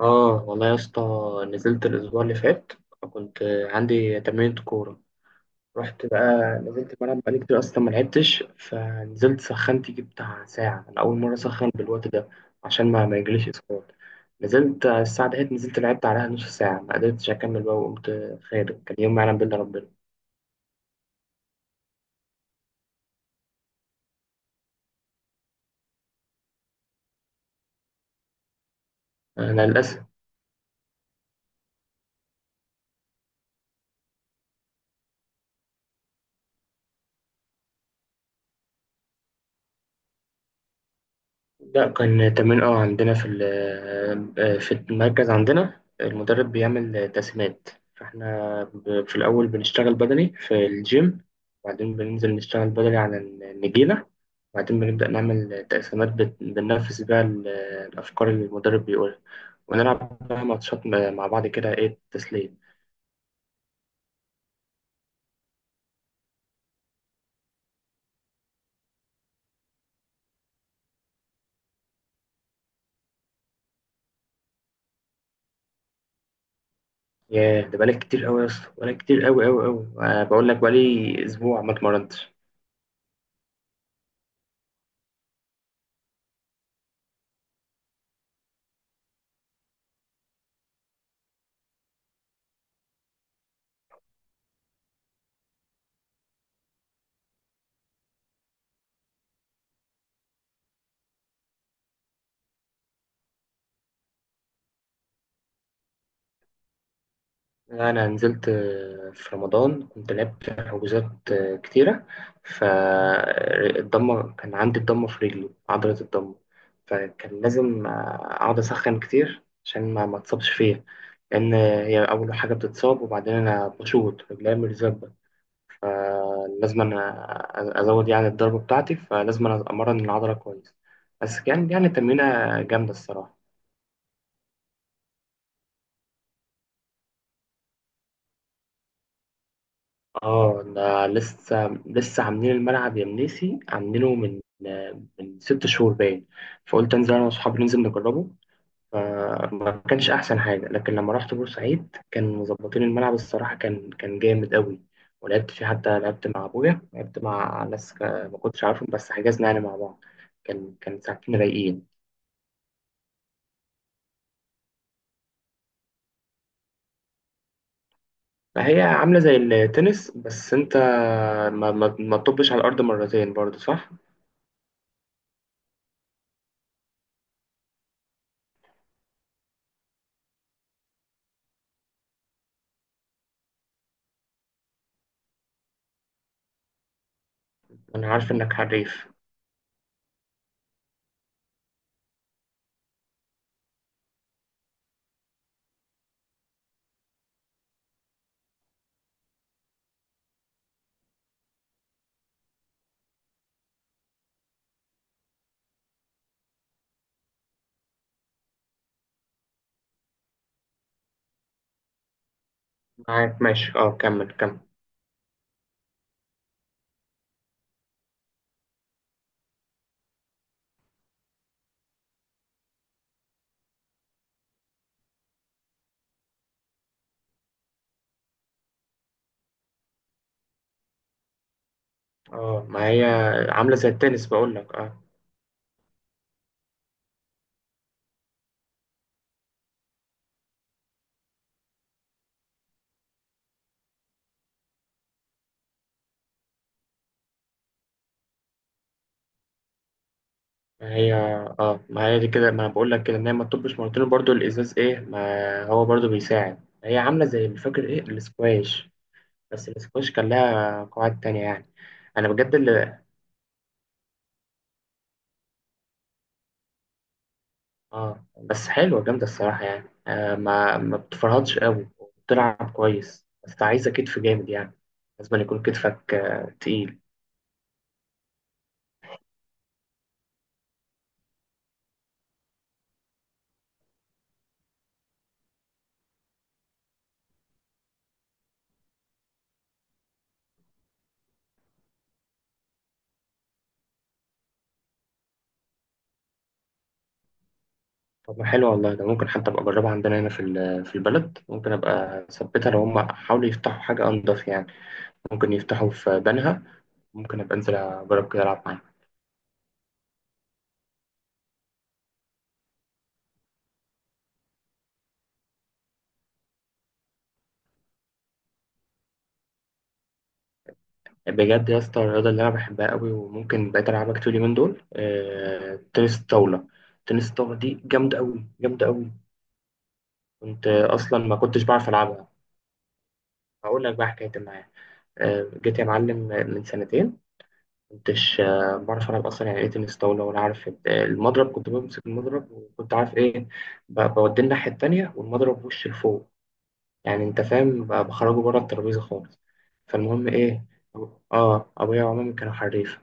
اه والله يا اسطى، نزلت الاسبوع اللي فات. كنت عندي تمرينة كورة، رحت بقى، نزلت الملعب. بقالي كتير اصلا ما لعبتش، فنزلت سخنت يجي بتاع ساعة. انا اول مرة اسخن بالوقت ده عشان ما يجيليش اسقاط. نزلت على الساعة دهيت، نزلت لعبت عليها نص ساعة، ما قدرتش اكمل بقى وقمت خارج. كان يوم ما يعلم بالله ربنا. انا للاسف. لا، كان تمرين، اه، عندنا في في المركز. عندنا المدرب بيعمل تقسيمات، فاحنا في الأول بنشتغل بدني في الجيم، وبعدين بننزل نشتغل بدني على النجيلة، وبعدين بنبدأ نعمل تقسيمات، بننفذ بيها الأفكار اللي المدرب بيقولها. ونلعب بقى ماتشات مع بعض كده، إيه، تسلية. ياه، ده بقالك كتير أوي يا اسطى، بقالك كتير أوي أوي أوي. بقول لك بقالي أسبوع ما اتمرنتش. أنا نزلت في رمضان، كنت لعبت حجوزات كتيرة. فالضمة كان عندي الضمة في رجلي، عضلة الضمة، فكان لازم أقعد أسخن كتير عشان ما اتصابش فيها، لأن هي أول حاجة بتتصاب. وبعدين أنا بشوط رجلي مرزبة، فلازم أنا أزود يعني الضربة بتاعتي، فلازم أنا أمرن العضلة كويس. بس كان يعني تمرينة جامدة الصراحة. اه، ده لسه لسه عاملين الملعب يا منيسي، عاملينه من من 6 شهور باين. فقلت انزل انا واصحابي ننزل نجربه، فما كانش احسن حاجه. لكن لما رحت بورسعيد كان مظبطين الملعب الصراحه، كان جامد قوي. ولعبت فيه، حتى لعبت مع ابويا، لعبت مع ناس ما كنتش عارفهم، بس حجزنا يعني مع بعض. كان ساعتين رايقين. فهي عامله زي التنس، بس انت ما تطبش على الارض مرتين برضه، صح؟ انا عارف انك حريف. معاك ماشي، اه، كمل كمل. اه، ما هي عاملة زي التنس، بقول لك. اه، ما هي اه ما هي دي كده، ما بقول لك كده ان هي ما تطبش مرتين برضو. الازاز، ايه، ما هو برضو بيساعد. هي عاملة زي، مش فاكر ايه، الاسكواش، بس الاسكواش كان لها قواعد تانية يعني. انا بجد اللي اه، بس حلوة جامدة الصراحة يعني. ما بتفرهدش قوي، وبتلعب كويس، بس عايزة كتف جامد يعني. لازم يكون كتفك تقيل. طب ما حلو والله، ده ممكن حتى ابقى اجربها عندنا هنا في في البلد. ممكن ابقى اثبتها لو هم حاولوا يفتحوا حاجه انضف يعني. ممكن يفتحوا في بنها، ممكن ابقى انزل اجرب كده العب معاهم. بجد يا اسطى، الرياضه اللي انا بحبها قوي وممكن بقيت العبها كتير من دول تنس الطاوله. تنس الطاوله دي جامده قوي جامده قوي. كنت اصلا ما كنتش بعرف العبها. هقول لك بقى حكايتي معايا. جيت يا معلم من سنتين كنتش بعرف ألعب أصلا، يعني إيه تنس طاولة ولا عارف إيه. المضرب كنت بمسك المضرب وكنت عارف إيه، بوديه الناحية التانية والمضرب وش لفوق. يعني أنت فاهم، بخرجه بره الترابيزة خالص. فالمهم إيه، أبو- أبويا ومامي كانوا حريف،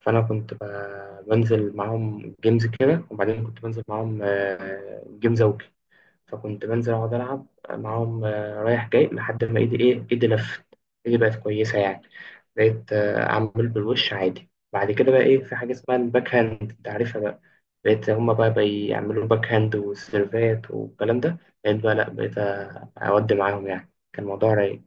فأنا كنت بنزل معاهم جيمز كده، وبعدين كنت بنزل معاهم جيم زوجي. فكنت بنزل أقعد ألعب معاهم رايح جاي لحد ما إيدي لفت. إيدي بقت كويسة يعني. بقيت أعمل بالوش عادي. بعد كده بقى إيه، في حاجة اسمها الباك هاند، أنت عارفها بقى. بقيت هما بقى بيعملوا باك هاند وسيرفات والكلام ده. بقيت بقى لأ، بقيت أودي معاهم يعني، كان الموضوع رايق.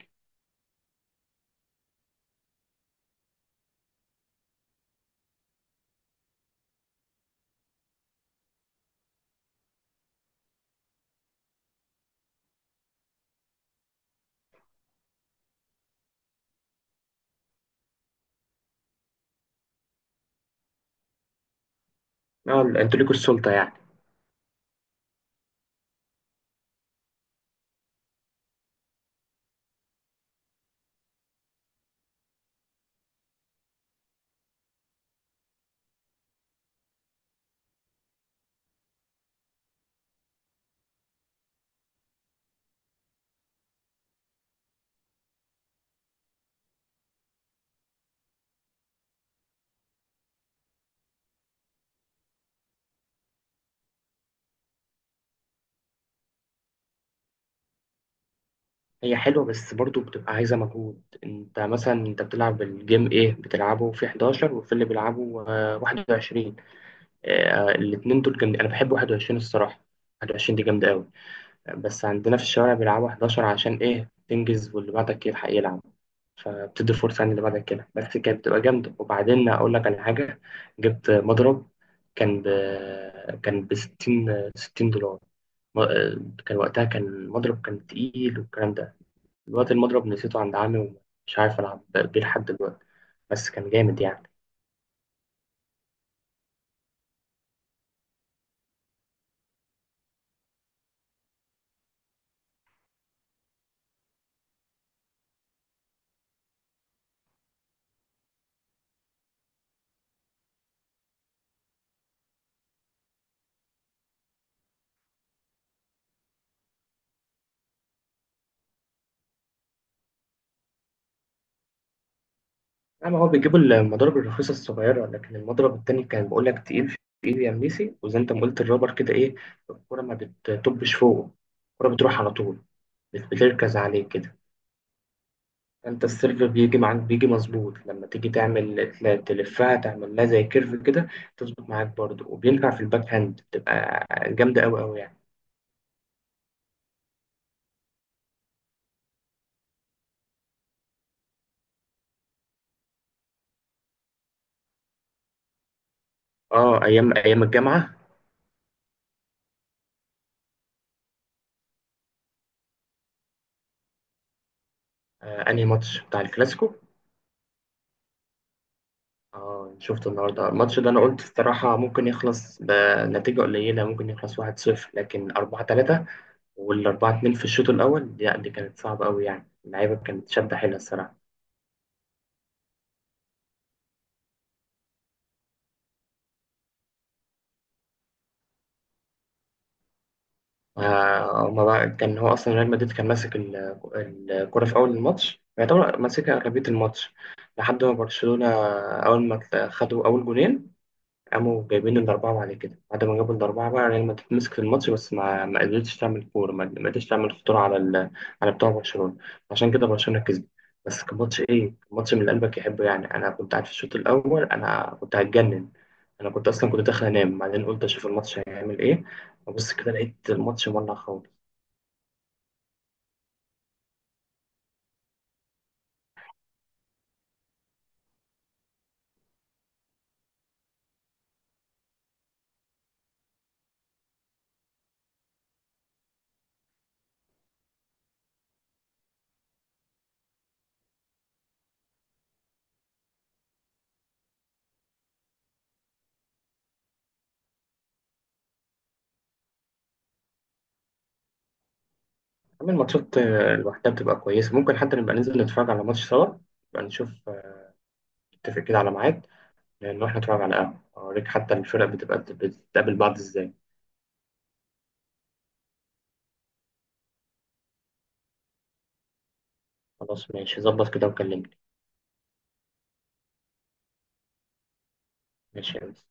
أنتوا ليكوا السلطة يعني. هي حلوة بس برضو بتبقى عايزة مجهود. أنت مثلا أنت بتلعب الجيم، إيه، بتلعبه في 11 وفي اللي بيلعبه 21. الاتنين دول جامدين، انا بحب 21 الصراحه. 21 دي جامده قوي. بس عندنا في الشوارع بيلعبوا 11 عشان ايه، تنجز واللي بعدك يلحق يلعب، فبتدي فرصه يعني اللي بعدك كده. بس كانت بتبقى جامده. وبعدين اقول لك على حاجه، جبت مضرب كان ب كان ب 60 60 دولار. م- آه، كان وقتها كان المضرب كان تقيل والكلام ده. دلوقتي المضرب نسيته عند عمي ومش عارف العب بيه لحد دلوقتي، بس كان جامد يعني. اما هو بيجيبوا المضارب الرخيصه الصغيره، لكن المضرب التاني كان بقول لك تقيل في ايدي يا منيسي. وزي انت ما قلت الرابر كده، ايه، الكره ما بتطبش فوقه، الكره بتروح على طول، مش بتركز عليه كده. انت السيرف بيجي معاك بيجي مظبوط لما تيجي تعمل تلفها، تعمل لها زي كيرف كده، تظبط معاك برضه. وبينفع في الباك هاند، بتبقى جامده قوي قوي يعني. اه، ايام ايام الجامعه. آه، انهي ماتش؟ بتاع الكلاسيكو. اه، شفت النهارده الماتش ده. انا قلت الصراحه ممكن يخلص بنتيجه قليله، ممكن يخلص 1-0، لكن 4-3 وال 4-2 في الشوط الاول، لا دي كانت صعبه قوي يعني. اللعيبه كانت شده حيله الصراحه. آه، هما بقى كان هو اصلا ريال مدريد كان ماسك الكره في اول الماتش، يعتبر ماسك اغلبيه الماتش لحد ما برشلونه اول ما خدوا اول جولين قاموا جايبين الأربعة. بعد كده، بعد ما جابوا الأربعة، بقى ريال مدريد مسك في الماتش، بس ما قدرتش تعمل كورة، ما قدرتش تعمل خطورة على بتوع برشلونة. عشان كده برشلونة كسب. بس كان ماتش إيه، كان ماتش من اللي قلبك يحبه يعني. أنا كنت قاعد في الشوط الأول، أنا كنت هتجنن. أنا كنت أصلا كنت داخل أنام، بعدين قلت أشوف الماتش هيعمل إيه. وبص كده لقيت الماتش مولع خالص. أما الماتشات لوحدها بتبقى كويسة. ممكن حتى نبقى ننزل نتفرج على ماتش سوا، نبقى نشوف نتفق كده على ميعاد، نروح نتفرج على قهوة أوريك، حتى الفرق بتبقى بتتقابل بعض إزاي. خلاص ماشي، ظبط كده وكلمني. ماشي يا أنس.